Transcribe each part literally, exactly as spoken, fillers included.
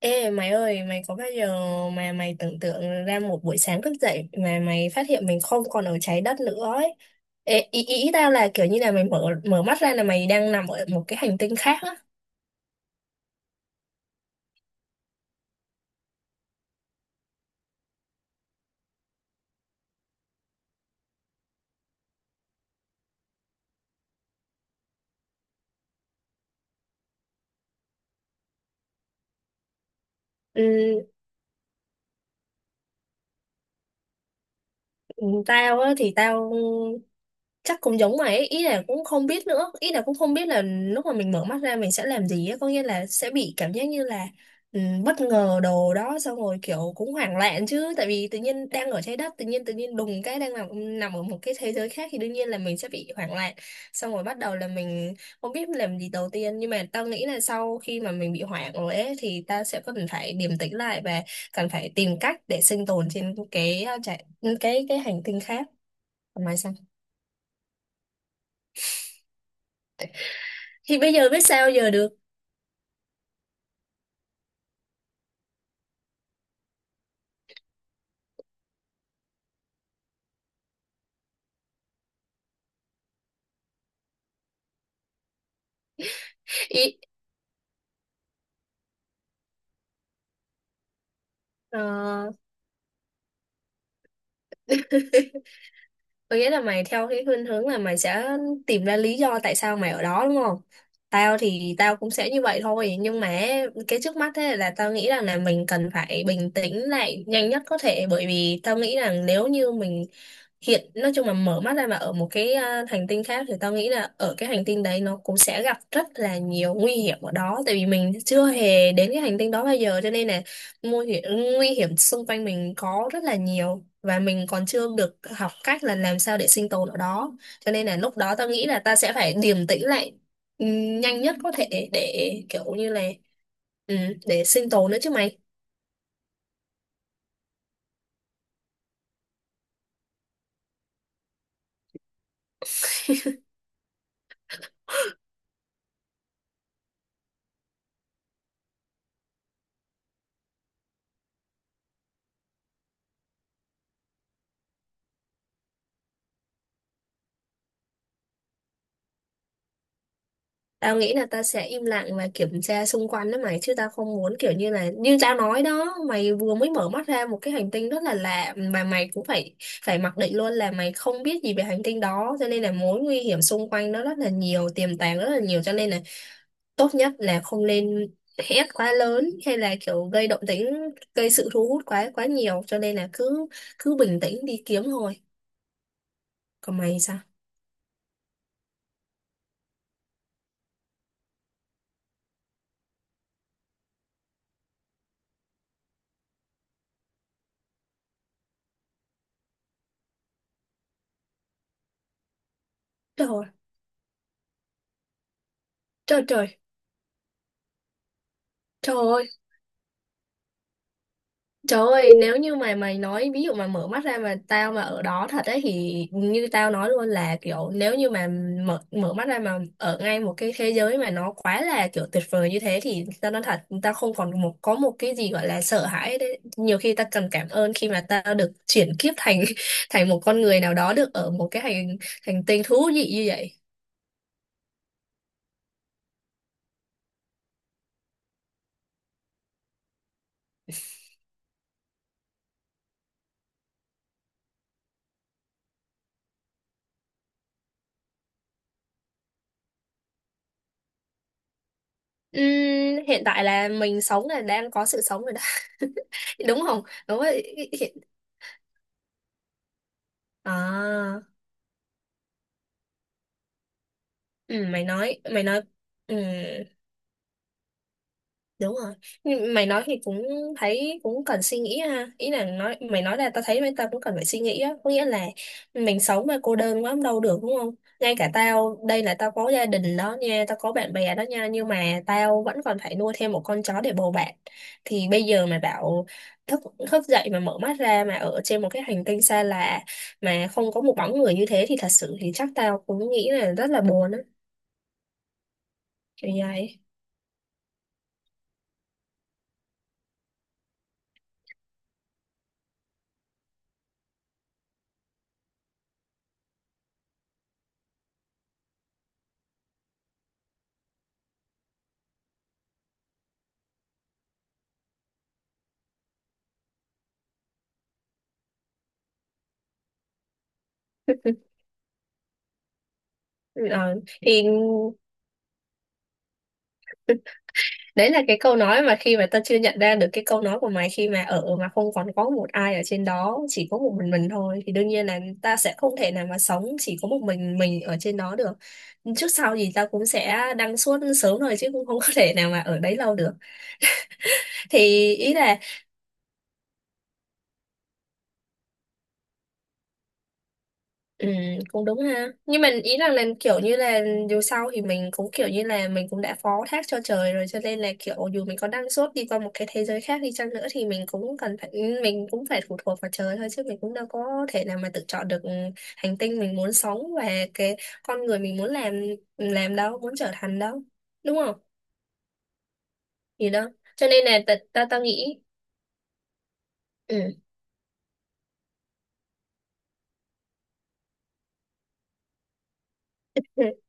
Ê mày ơi, mày có bao giờ mà mày tưởng tượng ra một buổi sáng thức dậy mà mày phát hiện mình không còn ở trái đất nữa ấy. Ê, ý, ý tao là kiểu như là mày mở mở mắt ra là mày đang nằm ở một cái hành tinh khác á. Ừ, tao á thì tao chắc cũng giống mày ấy. Ý là cũng không biết nữa, ý là cũng không biết là lúc mà mình mở mắt ra mình sẽ làm gì á, có nghĩa là sẽ bị cảm giác như là ừ, bất ngờ đồ đó, xong rồi kiểu cũng hoảng loạn chứ, tại vì tự nhiên đang ở trái đất, tự nhiên tự nhiên đùng cái đang nằm nằm ở một cái thế giới khác thì đương nhiên là mình sẽ bị hoảng loạn, xong rồi bắt đầu là mình không biết làm gì đầu tiên. Nhưng mà tao nghĩ là sau khi mà mình bị hoảng rồi ấy thì ta sẽ cần phải điềm tĩnh lại và cần phải tìm cách để sinh tồn trên cái uh, trái- cái cái hành tinh khác. Còn mày sao? Thì bây giờ biết sao giờ được. Ý, ờ, có nghĩa là mày theo cái khuynh hướng là mày sẽ tìm ra lý do tại sao mày ở đó đúng không? Tao thì tao cũng sẽ như vậy thôi, nhưng mà cái trước mắt thế là tao nghĩ rằng là mình cần phải bình tĩnh lại nhanh nhất có thể, bởi vì tao nghĩ rằng nếu như mình hiện nói chung là mở mắt ra mà ở một cái à, hành tinh khác thì tao nghĩ là ở cái hành tinh đấy nó cũng sẽ gặp rất là nhiều nguy hiểm ở đó, tại vì mình chưa hề đến cái hành tinh đó bao giờ, cho nên là nguy hiểm, nguy hiểm xung quanh mình có rất là nhiều, và mình còn chưa được học cách là làm sao để sinh tồn ở đó, cho nên là lúc đó tao nghĩ là ta sẽ phải điềm tĩnh lại ừm, nhanh nhất có thể để kiểu như là ừm, để sinh tồn nữa chứ mày. Tao nghĩ là ta sẽ im lặng và kiểm tra xung quanh đó mày, chứ tao không muốn kiểu như là như tao nói đó mày, vừa mới mở mắt ra một cái hành tinh rất là lạ mà mày cũng phải phải mặc định luôn là mày không biết gì về hành tinh đó, cho nên là mối nguy hiểm xung quanh nó rất là nhiều, tiềm tàng rất là nhiều, cho nên là tốt nhất là không nên hét quá lớn hay là kiểu gây động tĩnh, gây sự thu hút quá quá nhiều, cho nên là cứ cứ bình tĩnh đi kiếm thôi. Còn mày sao? Trời ơi, trời trời, trời ơi. Trời ơi, nếu như mà mày nói ví dụ mà mở mắt ra mà tao mà ở đó thật ấy, thì như tao nói luôn là kiểu nếu như mà mở mở mắt ra mà ở ngay một cái thế giới mà nó quá là kiểu tuyệt vời như thế thì tao nói thật, tao không còn một có một cái gì gọi là sợ hãi đấy. Nhiều khi tao cần cảm ơn khi mà tao được chuyển kiếp thành thành một con người nào đó được ở một cái hành hành tinh thú vị như vậy. Ừm, hiện tại là mình sống là đang có sự sống rồi đó. Đúng không? Đúng rồi. Hiện... À. Ừ, mày nói mày nói ừ, đúng rồi. Nhưng mày nói thì cũng thấy cũng cần suy nghĩ ha, ý là nói mày nói là tao thấy mấy, tao cũng cần phải suy nghĩ á, có nghĩa là mình sống mà cô đơn quá cũng đâu được đúng không? Ngay cả tao đây là tao có gia đình đó nha, tao có bạn bè đó nha, nhưng mà tao vẫn còn phải nuôi thêm một con chó để bầu bạn. Thì bây giờ mà bảo thức thức dậy mà mở mắt ra mà ở trên một cái hành tinh xa lạ mà không có một bóng người như thế thì thật sự thì chắc tao cũng nghĩ là rất là buồn á, kiểu như vậy. Ờ, thì đấy là cái câu nói mà khi mà ta chưa nhận ra được cái câu nói của mày, khi mà ở mà không còn có một ai ở trên đó, chỉ có một mình mình thôi, thì đương nhiên là ta sẽ không thể nào mà sống chỉ có một mình mình ở trên đó được, trước sau gì ta cũng sẽ đăng suốt sớm thôi, chứ cũng không có thể nào mà ở đấy lâu được. Thì ý là ừ, cũng đúng ha. Nhưng mình ý rằng là kiểu như là dù sao thì mình cũng kiểu như là mình cũng đã phó thác cho trời rồi, cho nên là kiểu dù mình có năng suất đi qua một cái thế giới khác đi chăng nữa thì mình cũng cần phải ừ, mình cũng phải phụ thuộc vào trời thôi, chứ mình cũng đâu có thể nào mà tự chọn được hành tinh mình muốn sống và cái con người mình muốn làm làm đâu, muốn trở thành đâu. Đúng không? Gì đó. Cho nên là ta ta, ta nghĩ ừ.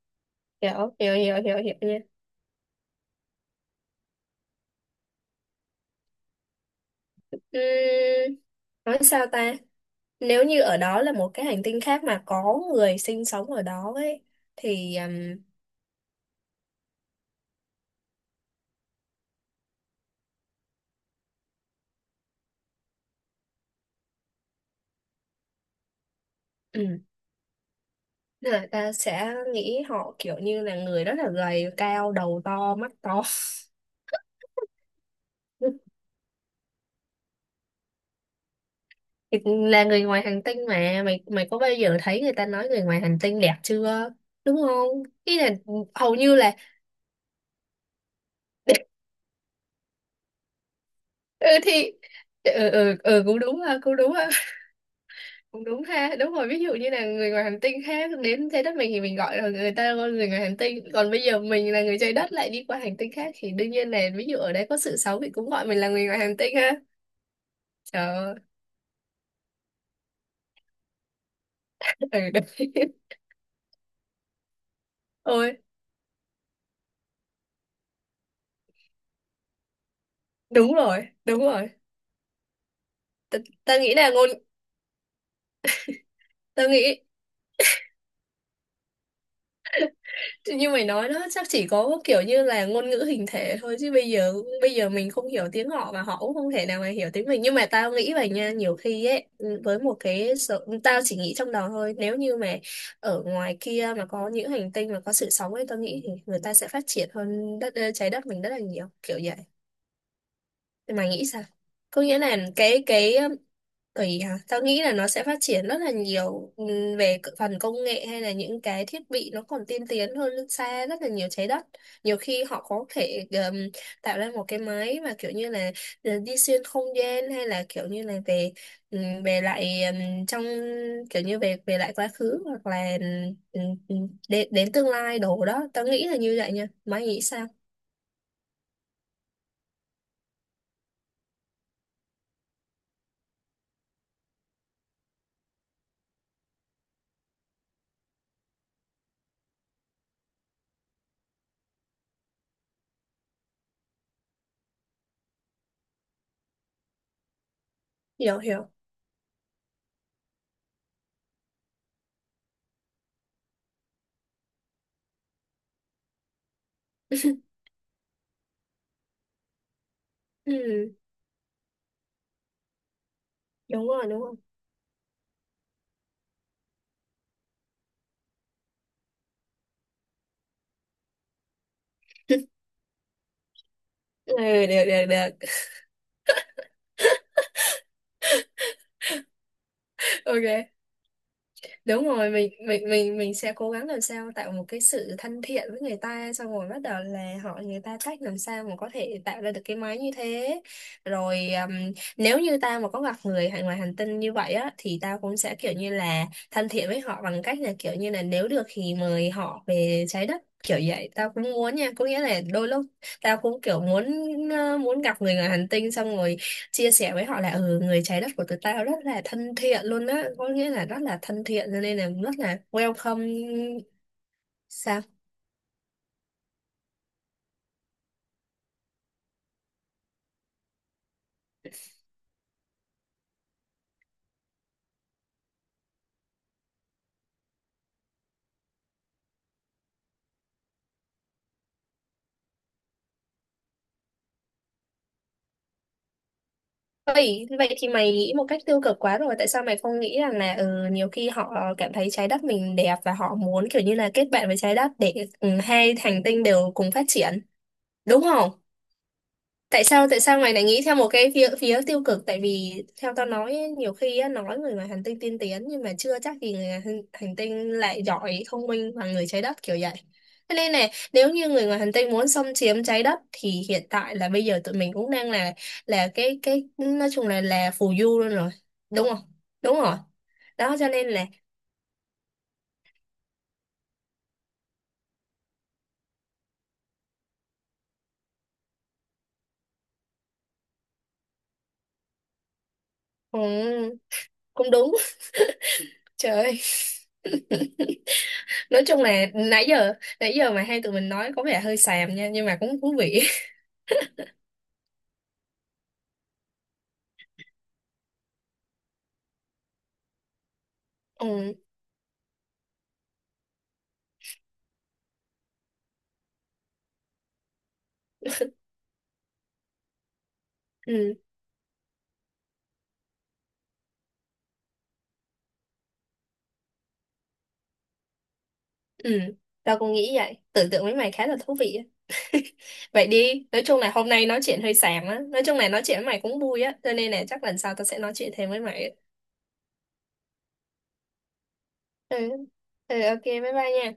Hiểu, hiểu, hiểu, hiểu, hiểu nha. Ừm, nói sao ta? Nếu như ở đó là một cái hành tinh khác mà có người sinh sống ở đó ấy thì um, ừ, là ta sẽ nghĩ họ kiểu như là người rất là gầy, cao, đầu to, mắt to. Thì là người ngoài hành tinh mà mày, mày có bao giờ thấy người ta nói người ngoài hành tinh đẹp chưa? Đúng không, ý là ừ, hầu như là ừ thì ừ, ừ, ừ, cũng đúng ha, cũng đúng ha. Cũng đúng ha, đúng rồi, ví dụ như là người ngoài hành tinh khác đến trái đất mình thì mình gọi là người ta là người ngoài hành tinh, còn bây giờ mình là người trái đất lại đi qua hành tinh khác thì đương nhiên là ví dụ ở đây có sự xấu thì cũng gọi mình là người ngoài hành tinh ha. Trời ơi, ừ, đấy. Ôi, đúng rồi, đúng rồi. Ta, ta nghĩ là ngôn ta nghĩ Thì như mày nói đó chắc chỉ có kiểu như là ngôn ngữ hình thể thôi, chứ bây giờ bây giờ mình không hiểu tiếng họ và họ cũng không thể nào mà hiểu tiếng mình, nhưng mà tao nghĩ vậy nha, nhiều khi ấy ừ, với một cái sự, tao chỉ nghĩ trong đầu thôi, nếu như mà ở ngoài kia mà có những hành tinh mà có sự sống ấy, tao nghĩ thì người ta sẽ phát triển hơn đất trái đất mình rất là nhiều, kiểu vậy, thì mày nghĩ sao? Có nghĩa là cái cái tùy hả? Tao nghĩ là nó sẽ phát triển rất là nhiều, ừm, về c- phần công nghệ hay là những cái thiết bị nó còn tiên tiến hơn nước xa rất là nhiều trái đất. Nhiều khi họ có thể ừm, tạo ra một cái máy mà kiểu như là ờ, đi xuyên không gian, hay là kiểu như là về ừm, về lại ừm, trong kiểu như về về lại quá khứ, hoặc là ừm, ừm, đến, đến tương lai đồ đó. Tao nghĩ là như vậy nha. Mày nghĩ sao? Hiểu hiểu. Ừ, đúng rồi, đúng rồi. Ừ, được, được, được. Ok. Đúng rồi, mình mình mình mình sẽ cố gắng làm sao tạo một cái sự thân thiện với người ta, xong rồi bắt đầu là hỏi người ta cách làm sao mà có thể tạo ra được cái máy như thế, rồi um, nếu như tao mà có gặp người hay ngoài hành tinh như vậy á thì tao cũng sẽ kiểu như là thân thiện với họ, bằng cách là kiểu như là nếu được thì mời họ về trái đất, kiểu vậy tao cũng muốn nha, có nghĩa là đôi lúc tao cũng kiểu muốn ờ, muốn gặp người ngoài hành tinh, xong rồi chia sẻ với họ là ừ, người trái đất của tụi tao rất là thân thiện luôn á, có nghĩa là rất là thân thiện, cho nên là rất là welcome. Sao? Vậy vậy thì mày nghĩ một cách tiêu cực quá rồi, tại sao mày không nghĩ rằng là ừ, nhiều khi họ cảm thấy trái đất mình đẹp và họ muốn kiểu như là kết bạn với trái đất để ừ, hai hành tinh đều cùng phát triển đúng không? Tại sao tại sao mày lại nghĩ theo một cái phía phía tiêu cực, tại vì theo tao nói ấy, nhiều khi á, nói người ngoài hành tinh tiên tiến nhưng mà chưa chắc gì người ngoài hành, hành tinh lại giỏi thông minh bằng người trái đất kiểu vậy. Thế nên này, nếu như người ngoài hành tinh muốn xâm chiếm trái đất thì hiện tại là bây giờ tụi mình cũng đang là là cái cái nói chung là là phù du luôn rồi đúng không? Đúng rồi, đó cho nên là ừ, cũng đúng. Trời ơi. Nói chung là nãy giờ nãy giờ mà hai tụi mình nói có vẻ hơi xàm nha, nhưng mà cũng thú vị. Ừ. Ừ, ừ, tao cũng nghĩ vậy. Tưởng tượng với mày khá là thú vị á. Vậy đi, nói chung là hôm nay nói chuyện hơi xàm á. Nói chung là nói chuyện với mày cũng vui á. Cho nên là chắc lần sau tao sẽ nói chuyện thêm với mày á. Ừ, ừ, ok, bye bye nha.